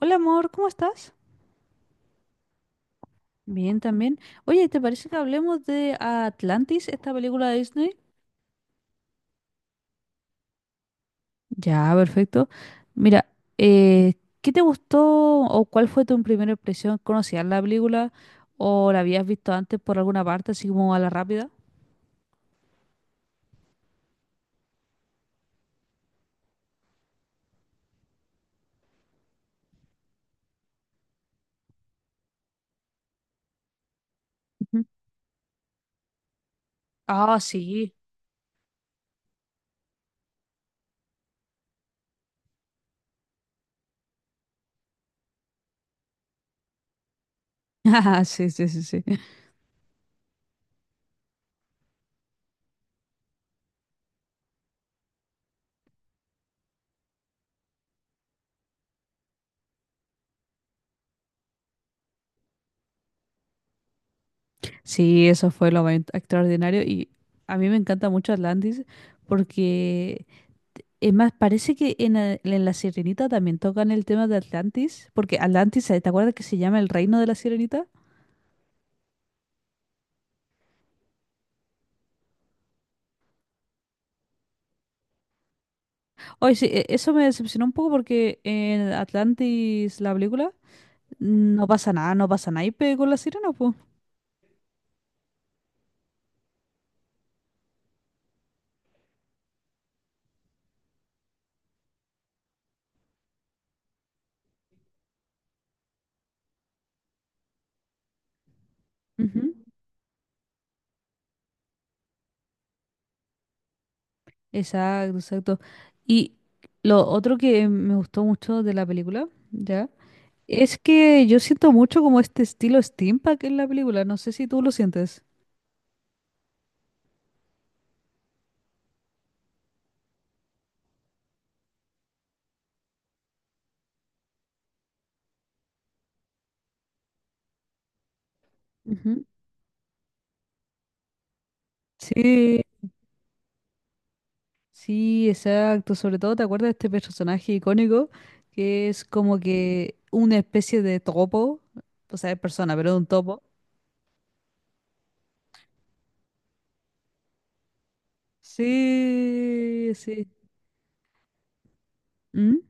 Hola amor, ¿cómo estás? Bien, también. Oye, ¿te parece que hablemos de Atlantis, esta película de Disney? Ya, perfecto. Mira, eh, ¿qué te gustó o cuál fue tu primera impresión? ¿Conocías la película o la habías visto antes por alguna parte, así como a la rápida? Ujú. Ah, sí. Ah, sí, sí, sí, sí. Sí, eso fue lo más extraordinario y a mí me encanta mucho Atlantis porque Es más, parece que en La Sirenita también tocan el tema de Atlantis, porque Atlantis, ¿te acuerdas que se llama el reino de la Sirenita? Oye, sí, eso me decepcionó un poco porque en Atlantis, la película, no pasa nada, no pasa naipe con la sirena, pues. Ujú. Exacto, exacto. Y lo otro que me gustó mucho de la película, ¿ya? Es que yo siento mucho como este estilo steampunk en la película, no sé si tú lo sientes. Ujú. Sí, sí, exacto. Sobre todo, ¿te acuerdas de este personaje icónico que es como que una especie de topo? O sea, es persona, pero es un topo. Sí, sí. ¿Mm?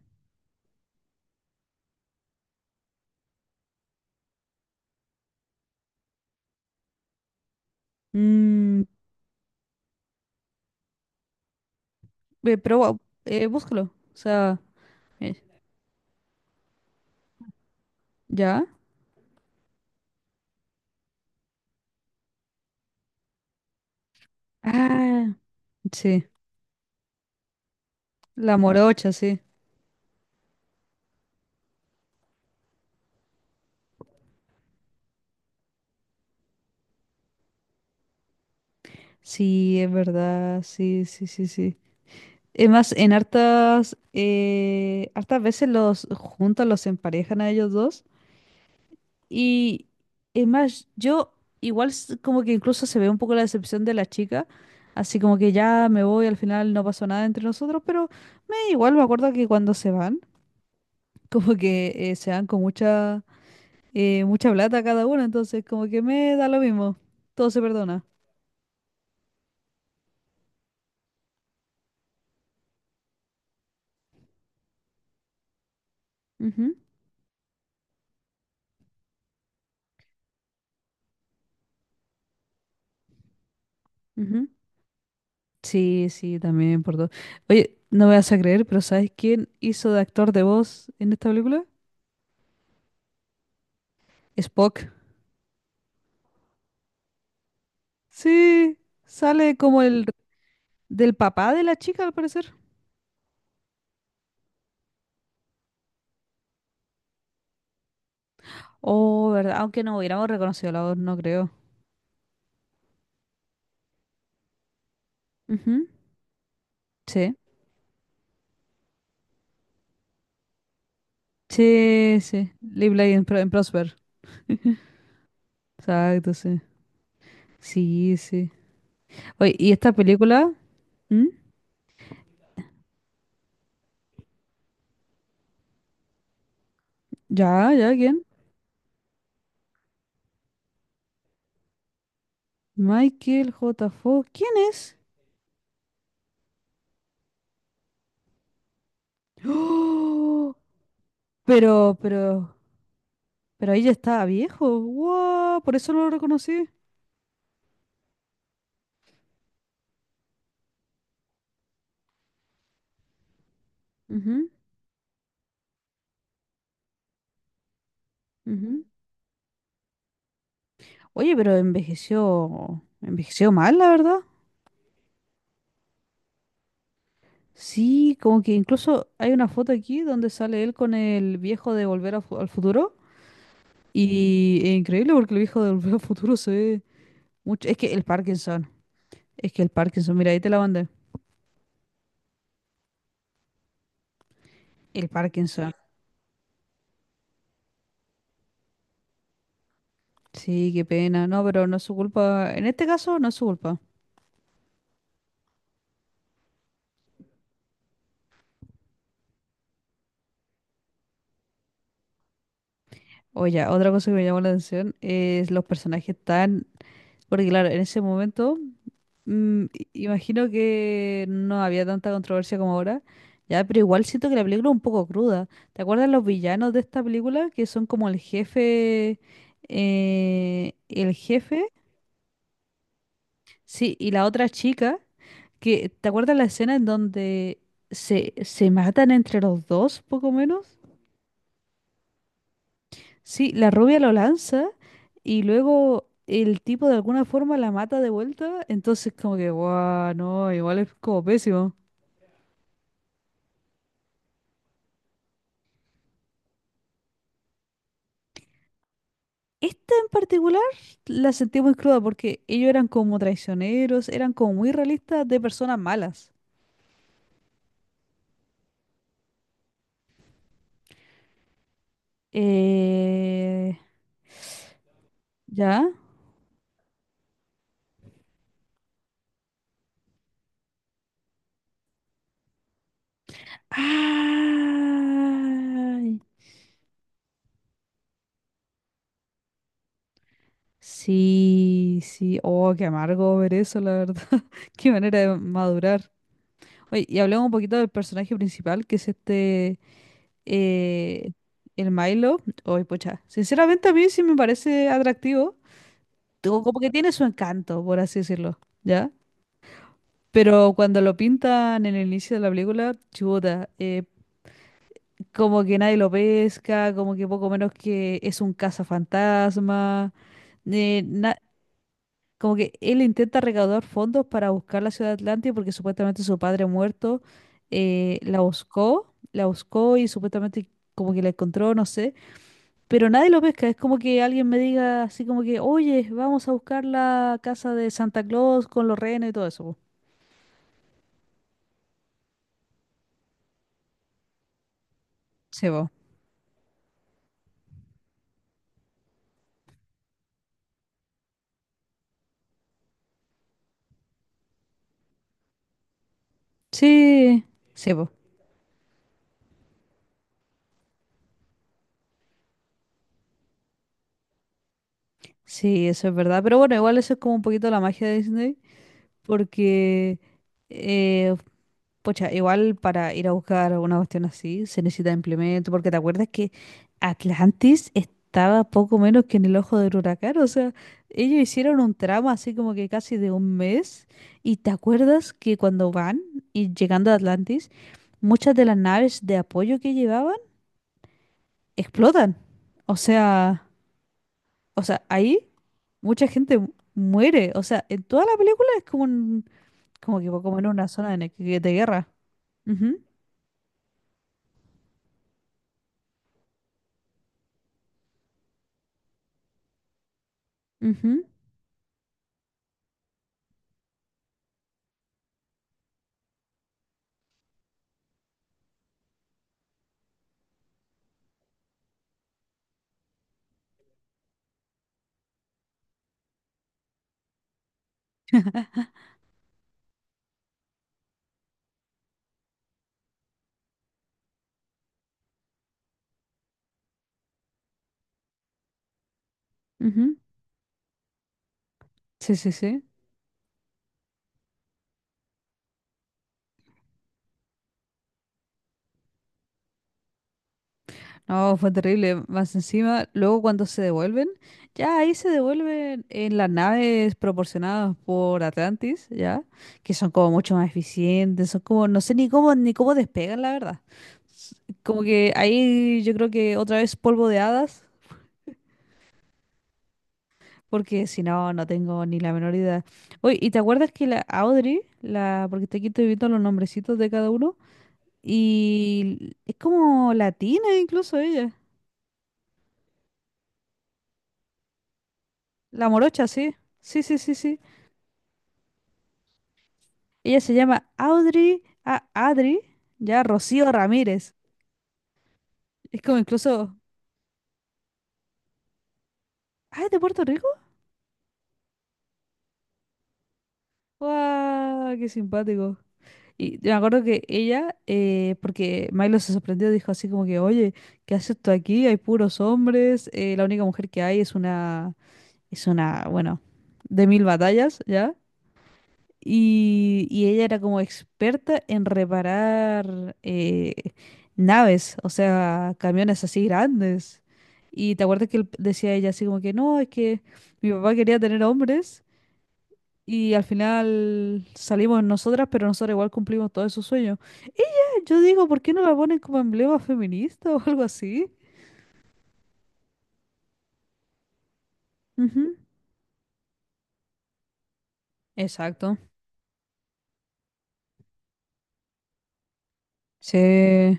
Mm, pero guau, búscalo. O sea, eh, ¿ya? Ah, sí. La morocha, sí. Sí, es verdad. Sí, sí, sí, sí. Es más, en hartas veces los juntan, los emparejan a ellos dos. Y es más, yo igual como que incluso se ve un poco la decepción de la chica, así como que ya me voy, al final no pasó nada entre nosotros, pero me igual me acuerdo que cuando se van, como que se van con mucha plata cada uno, entonces como que me da lo mismo, todo se perdona. Ujú, ujú. Sí, sí, también por todo. Oye, no me vas a creer, pero ¿sabes quién hizo de actor de voz en esta película? Spock. Sí, sale como el Del papá de la chica, al parecer. Oh, ¿verdad? Aunque no hubiéramos reconocido la voz, no creo. Ujú, sí. Sí, sí. Live, Laugh and Prosper. Exacto, sí. Sí, sí. Oye, ¿y esta película? ¿Mm? ¿Ya, ya? ¿Quién? Michael J. Fox. ¿Quién es? ¡Oh! Pero, pero, pero ahí ya estaba viejo. ¡Wow! Por eso no lo reconocí. Ujú, ujú. Oye, pero envejeció, envejeció mal, la verdad. Sí, como que incluso hay una foto aquí donde sale él con el viejo de Volver al Futuro. Y es increíble porque el viejo de Volver al Futuro se ve mucho. Es que el Parkinson. Es que el Parkinson, mira, ahí te la mandé. El Parkinson. Sí, qué pena. No, pero no es su culpa. En este caso, no es su culpa. Oye, otra cosa que me llamó la atención es los personajes tan Porque claro, en ese momento, imagino que no había tanta controversia como ahora, ya, pero igual siento que la película es un poco cruda. ¿Te acuerdas los villanos de esta película? Que son como el jefe, sí, y la otra chica, que, ¿te acuerdas la escena en donde se matan entre los dos, poco menos? Sí, la rubia lo lanza y luego el tipo de alguna forma la mata de vuelta, entonces como que, guau, no, igual es como pésimo. Esta en particular la sentí muy cruda porque ellos eran como traicioneros, eran como muy realistas de personas malas. Eh, ¿Ya? Ay, sí, sí, oh, qué amargo ver eso, la verdad. Qué manera de madurar. Oye, y hablemos un poquito del personaje principal, que es este, eh, el Milo, hoy pucha, sinceramente a mí sí me parece atractivo, tengo como que tiene su encanto, por así decirlo, ¿ya? Pero cuando lo pintan en el inicio de la película, chuta, como que nadie lo pesca, como que poco menos que es un cazafantasma, eh, na- como que él intenta recaudar fondos para buscar la ciudad de Atlantia porque supuestamente su padre muerto la buscó y supuestamente como que la encontró, no sé, pero nadie lo pesca. Es como que alguien me diga así como que, oye, vamos a buscar la casa de Santa Claus con los renos y todo eso, po. Sí, po. Sí, sí, po. Sí, eso es verdad. Pero bueno, igual eso es como un poquito la magia de Disney, porque eh, pucha, igual para ir a buscar una cuestión así se necesita implemento, porque te acuerdas que Atlantis estaba poco menos que en el ojo del huracán, o sea, ellos hicieron un tramo así como que casi de un mes, y te acuerdas que cuando van y llegando a Atlantis, muchas de las naves de apoyo que llevaban explotan. O sea, ahí mucha gente muere, o sea, en toda la película es como como que como en una zona de guerra. Ujú, ujú, ujú. Sí, sí, sí. No, fue terrible. Más encima, luego cuando se devuelven, ya ahí se devuelven en las naves proporcionadas por Atlantis, ya, que son como mucho más eficientes, son como, no sé ni cómo despegan, la verdad. S- Como que ahí yo creo que otra vez polvo de hadas, porque si no, no tengo ni la menor idea. Oye, ¿y te acuerdas que la Audrey, aquí estoy viendo los nombrecitos de cada uno, y es como latina incluso ella? La morocha, sí. Sí, sí, sí, sí. Ella se llama Audrey, Adri, ya Rocío Ramírez. Es como incluso, ah, ¿es de Puerto Rico? ¡Guau! ¡Qué simpático! Y yo me acuerdo que ella, porque Milo se sorprendió, dijo así como que, oye, ¿qué haces tú aquí? Hay puros hombres, la única mujer que hay es una, bueno, de mil batallas, ¿ya? Y, ella era como experta en reparar naves, o sea, camiones así grandes. Y te acuerdas que decía ella así como que no, es que mi papá quería tener hombres y al final salimos nosotras, pero nosotras igual cumplimos todos esos sueños. Ella, yo digo, ¿por qué no la ponen como emblema feminista o algo así? Ujú. Exacto. Sí.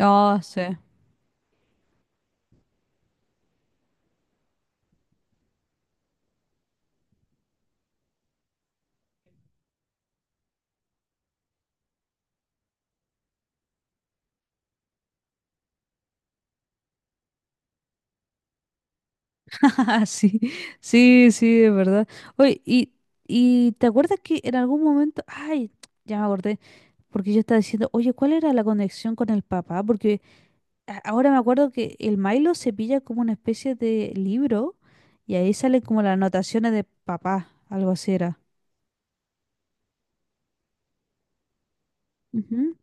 Ah, sí. Ah, sí, sí, sí, es verdad. Oye, y, ¿te acuerdas que en algún momento, ay, ya me acordé, porque yo estaba diciendo, oye, ¿cuál era la conexión con el papá? Porque ahora me acuerdo que el Milo se pilla como una especie de libro y ahí salen como las anotaciones de papá, algo así era. Ujú.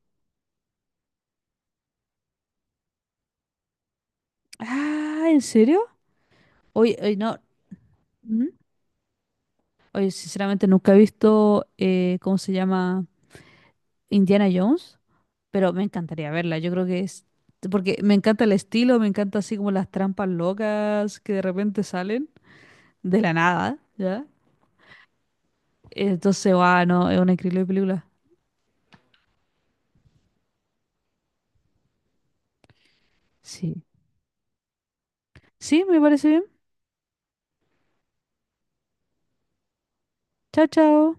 Ah, ¿en serio? Oye, oye, no. Ujú. Oye, sinceramente nunca he visto, ¿cómo se llama? Indiana Jones. Pero me encantaría verla. Yo creo que es, porque me encanta el estilo, me encanta así como las trampas locas que de repente salen de la nada, ¿ya? Entonces, va, no, es una increíble película. Sí. Sí, me parece bien. Chao, chao.